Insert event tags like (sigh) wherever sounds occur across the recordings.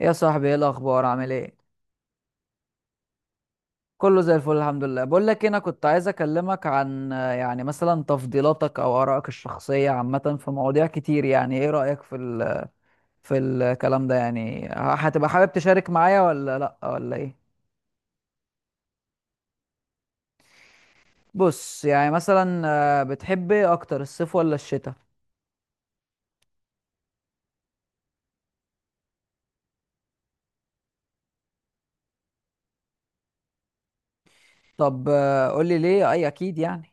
يا صاحبي، ايه الاخبار؟ عامل ايه؟ كله زي الفل، الحمد لله. بقول لك إيه، انا كنت عايز اكلمك عن يعني مثلا تفضيلاتك او ارائك الشخصيه عامه في مواضيع كتير. يعني ايه رايك في في الكلام ده؟ يعني هتبقى حابب تشارك معايا ولا لا؟ ولا ايه؟ بص يعني مثلا، بتحب ايه اكتر، الصيف ولا الشتاء؟ طب قول لي ليه، اي اكيد يعني.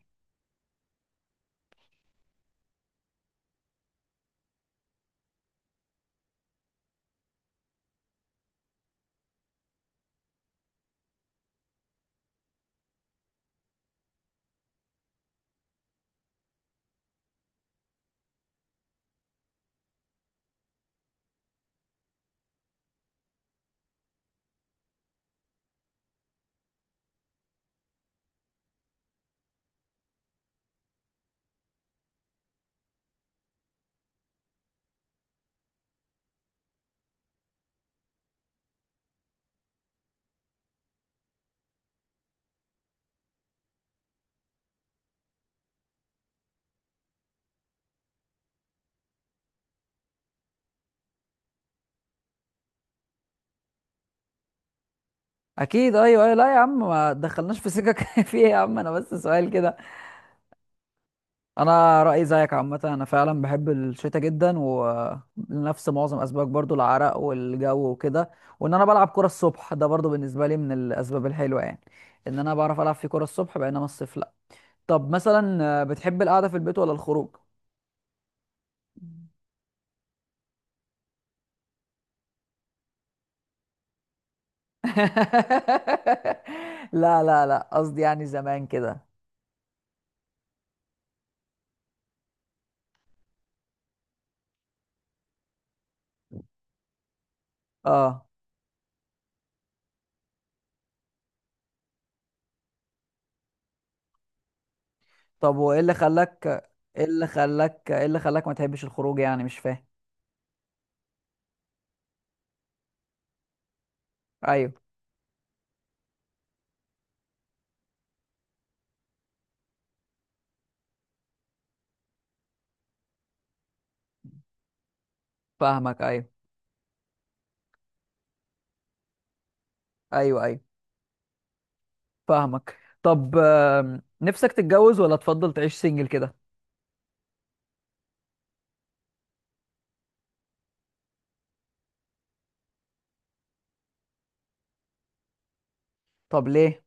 اكيد، ايوه ايوه، لا يا عم، ما دخلناش في سكك (laughs) فيه يا عم، انا بس سؤال كده. انا رايي زيك عامه، انا فعلا بحب الشتاء جدا ولنفس معظم اسبابك، برضو العرق والجو وكده. وان انا بلعب كره الصبح ده برضو بالنسبه لي من الاسباب الحلوه، يعني ان انا بعرف العب في كره الصبح بينما الصيف لا. طب مثلا بتحب القعده في البيت ولا الخروج؟ (laughs) لا لا لا، قصدي يعني زمان كده. اه، طب وايه اللي خلاك ايه اللي خلاك ايه اللي خلاك ما تحبش الخروج؟ يعني مش فاهم. ايوه، فاهمك، ايوه ايوه. ايوه، فاهمك. طب نفسك تتجوز ولا تفضل تعيش سنجل كده؟ طب ليه؟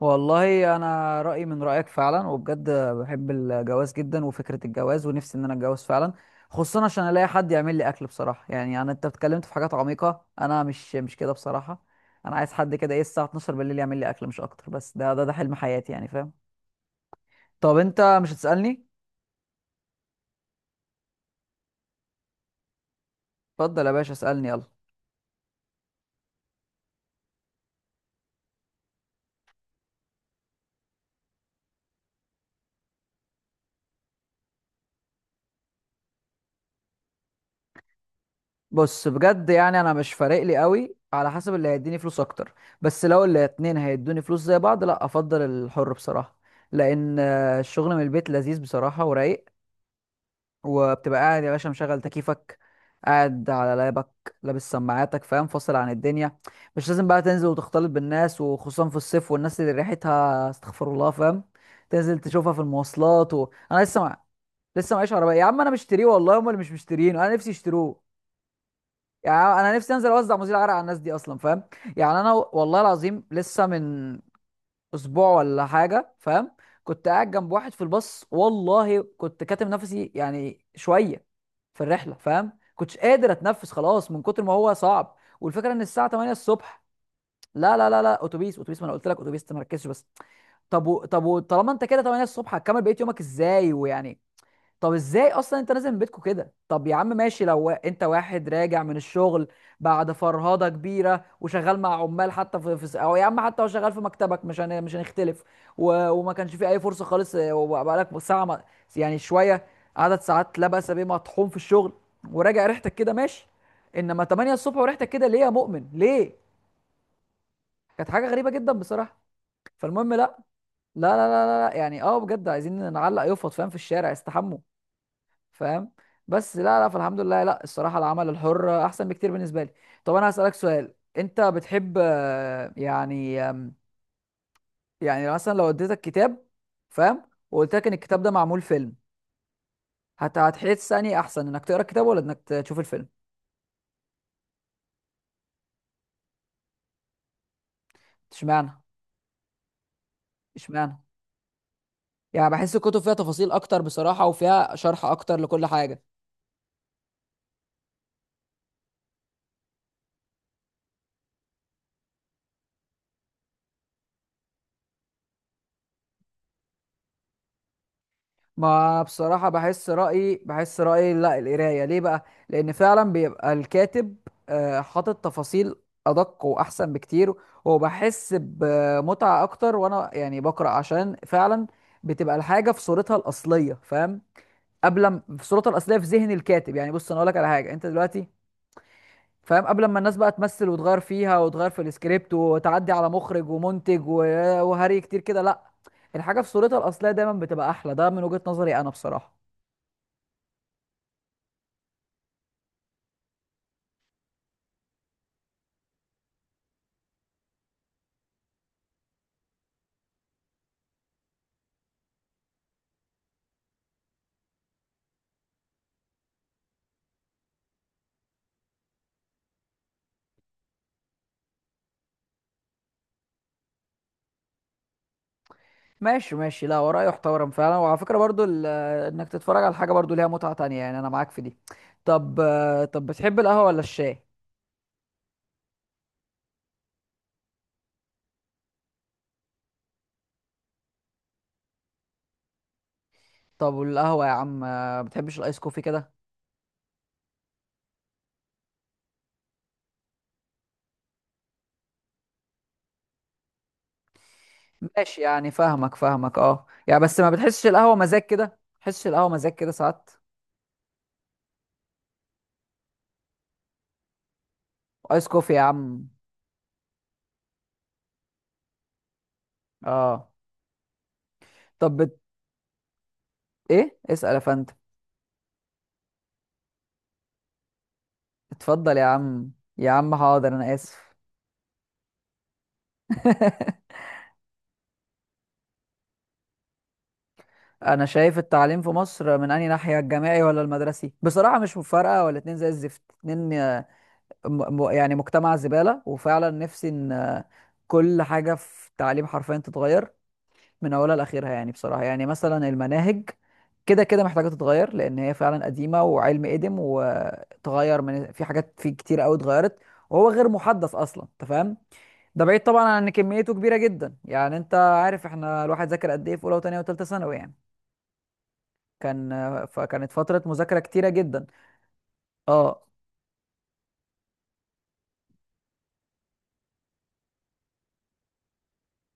والله انا رايي من رايك فعلا، وبجد بحب الجواز جدا وفكره الجواز، ونفسي ان انا اتجوز فعلا، خصوصا عشان الاقي حد يعمل لي اكل بصراحه. يعني انا، انت اتكلمت في حاجات عميقه، انا مش كده بصراحه. انا عايز حد كده، ايه، الساعه 12 بالليل يعمل لي اكل، مش اكتر، بس ده حلم حياتي يعني، فاهم؟ طب انت مش هتسالني؟ اتفضل يا باشا، اسالني يلا. بص بجد، يعني انا مش فارق لي قوي، على حسب اللي هيديني فلوس اكتر. بس لو الاتنين هيدوني فلوس زي بعض، لا افضل الحر بصراحة. لان الشغل من البيت لذيذ بصراحة ورايق، وبتبقى قاعد يا باشا مشغل تكييفك، قاعد على لابك، لابس سماعاتك، فاهم، فاصل عن الدنيا. مش لازم بقى تنزل وتختلط بالناس، وخصوصا في الصيف، والناس اللي ريحتها استغفر الله، فاهم. تنزل تشوفها في المواصلات، انا لسه لسه معيش عربية. يا عم انا مشتريه والله، هم اللي مش مشترينه، انا نفسي يشتروه. يعني انا نفسي انزل اوزع مزيل عرق على الناس دي اصلا، فاهم. يعني انا والله العظيم لسه من اسبوع ولا حاجه، فاهم، كنت قاعد جنب واحد في الباص، والله كنت كاتم نفسي يعني شويه في الرحله، فاهم، كنتش قادر اتنفس خلاص من كتر ما هو صعب. والفكره ان الساعه 8 الصبح. لا لا لا لا، اتوبيس اتوبيس، ما انا قلت لك اتوبيس، تركزش بس. طالما انت كده 8 الصبح، هتكمل بقيه يومك ازاي ويعني؟ طب ازاي اصلا انت نازل من بيتكو كده؟ طب يا عم ماشي، لو انت واحد راجع من الشغل بعد فرهضه كبيره وشغال مع عمال، حتى في, في او يا عم حتى لو شغال في مكتبك، مش هنختلف. وما كانش في اي فرصه خالص، وبقالك ساعه ما... يعني شويه، عدد ساعات لا بأس بيه، مطحون في الشغل وراجع ريحتك كده، ماشي. انما 8 الصبح وريحتك كده، ليه يا مؤمن؟ ليه؟ كانت حاجه غريبه جدا بصراحه. فالمهم، لا لا لا لا، لا، يعني اه بجد عايزين نعلق يفط، فاهم، في الشارع: استحموا. فاهم. بس لا لا، فالحمد لله، لا الصراحه العمل الحر احسن بكتير بالنسبه لي. طب انا هسالك سؤال، انت بتحب يعني يعني مثلا لو اديتك كتاب، فاهم، وقلت لك ان الكتاب ده معمول فيلم، هتحس اني احسن انك تقرا الكتاب ولا انك تشوف الفيلم؟ اشمعنى؟ اشمعنى؟ يعني بحس الكتب فيها تفاصيل اكتر بصراحه، وفيها شرح اكتر لكل حاجه. ما بصراحة، بحس رأيي، لا القراية ليه بقى؟ لأن فعلا بيبقى الكاتب حاطط تفاصيل أدق وأحسن بكتير، وبحس بمتعة أكتر، وأنا يعني بقرأ عشان فعلا بتبقى الحاجة في صورتها الأصلية، فاهم؟ قبل ما- في صورتها الأصلية في ذهن الكاتب، يعني بص أنا أقول لك على حاجة أنت دلوقتي، فاهم، قبل ما الناس بقى تمثل وتغير فيها وتغير في السكريبت وتعدي على مخرج ومنتج وهري كتير كده، لا، الحاجة في صورتها الأصلية دايما بتبقى أحلى، ده من وجهة نظري أنا بصراحة. ماشي ماشي، لا وراه يحترم فعلا. وعلى فكرة برضو انك تتفرج على حاجة برضو ليها متعة تانية، يعني انا معاك في دي. طب طب بتحب القهوة ولا الشاي؟ طب والقهوة يا عم، بتحبش الايس كوفي كده؟ ماشي، يعني فاهمك، اه يعني، بس ما بتحسش القهوة مزاج كده ساعات. ايس كوفي يا عم، اه. طب ايه، اسأل يا فندم. اتفضل يا عم. يا عم حاضر، انا اسف. (laughs) انا شايف التعليم في مصر من انهي ناحيه، الجامعي ولا المدرسي؟ بصراحه مش مفارقه، ولا اتنين زي الزفت، اتنين يعني مجتمع زباله. وفعلا نفسي ان كل حاجه في التعليم حرفيا تتغير من اولها لاخرها، يعني بصراحه. يعني مثلا المناهج كده كده محتاجه تتغير، لان هي فعلا قديمه وعلم قدم، وتغير من في حاجات في كتير قوي اتغيرت، وهو غير محدث اصلا انت فاهم. ده بعيد طبعا عن ان كميته كبيره جدا، يعني انت عارف احنا الواحد ذاكر قد ايه في اولى وثانيه وثالثه ثانوي يعني. كان فكانت فترة مذاكرة كتيرة جدا. اه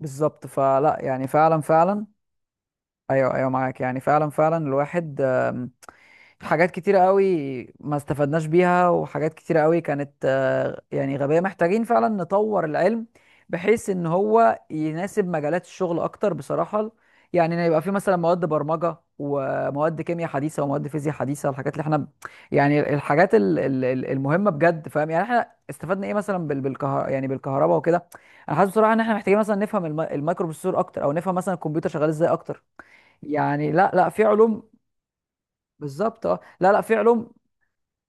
بالظبط، فلا يعني فعلا فعلا. ايوه ايوه معاك، يعني فعلا فعلا، الواحد حاجات كتيرة قوي ما استفدناش بيها، وحاجات كتيرة قوي كانت يعني غبية. محتاجين فعلا نطور العلم، بحيث ان هو يناسب مجالات الشغل اكتر بصراحة. يعني ان يبقى في مثلا مواد برمجة، ومواد كيمياء حديثة، ومواد فيزياء حديثة، الحاجات اللي احنا يعني، الحاجات المهمة بجد، فاهم. يعني احنا استفدنا ايه مثلا يعني بالكهرباء وكده؟ انا حاسس بصراحة ان احنا محتاجين مثلا نفهم الميكروبروسيسور اكتر، او نفهم مثلا الكمبيوتر شغال ازاي اكتر. يعني لا لا، في علوم. بالظبط اه، لا لا، في علوم.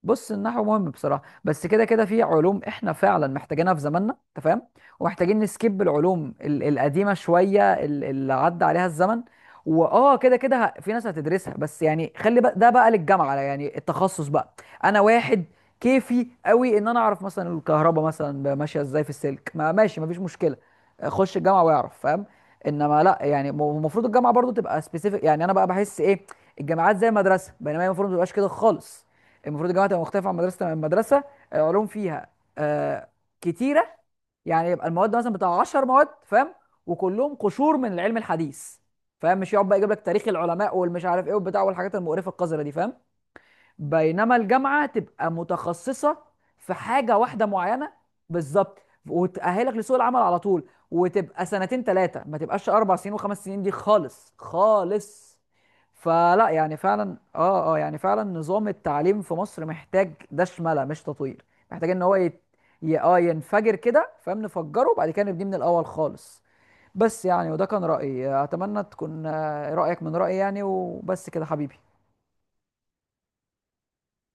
بص، النحو مهم بصراحه، بس كده كده في علوم احنا فعلا محتاجينها في زماننا، انت فاهم، ومحتاجين نسكيب العلوم القديمه شويه، اللي عدى عليها الزمن. واه كده كده، في ناس هتدرسها، بس يعني خلي بقى ده بقى للجامعه يعني، التخصص بقى. انا واحد كيفي قوي ان انا اعرف مثلا الكهرباء مثلا ماشيه ازاي في السلك، ما ماشي مفيش مشكله، خش الجامعه واعرف، فاهم. انما لا يعني، المفروض الجامعه برضو تبقى سبيسيفيك. يعني انا بقى بحس ايه، الجامعات زي المدرسه، بينما هي المفروض ما تبقاش كده خالص. المفروض الجامعه تبقى مختلفه عن مدرسه، العلوم فيها آه كتيره، يعني يبقى المواد مثلا بتاع 10 مواد، فاهم، وكلهم قشور من العلم الحديث، فاهم. مش يقعد بقى يجيب لك تاريخ العلماء والمش عارف ايه والبتاع والحاجات المقرفه القذره دي، فاهم. بينما الجامعة تبقى متخصصة في حاجة واحدة معينة. بالظبط، وتأهلك لسوق العمل على طول، وتبقى سنتين ثلاثة، ما تبقاش أربع سنين وخمس سنين دي خالص خالص. فلا يعني فعلا، يعني فعلا نظام التعليم في مصر محتاج دشملة مش تطوير. محتاج ان هو يت... ي... اه ينفجر كده، فاهم، نفجره وبعد كده نبنيه من الأول خالص. بس يعني، وده كان رأيي، أتمنى تكون رأيك من رأيي يعني، وبس كده حبيبي.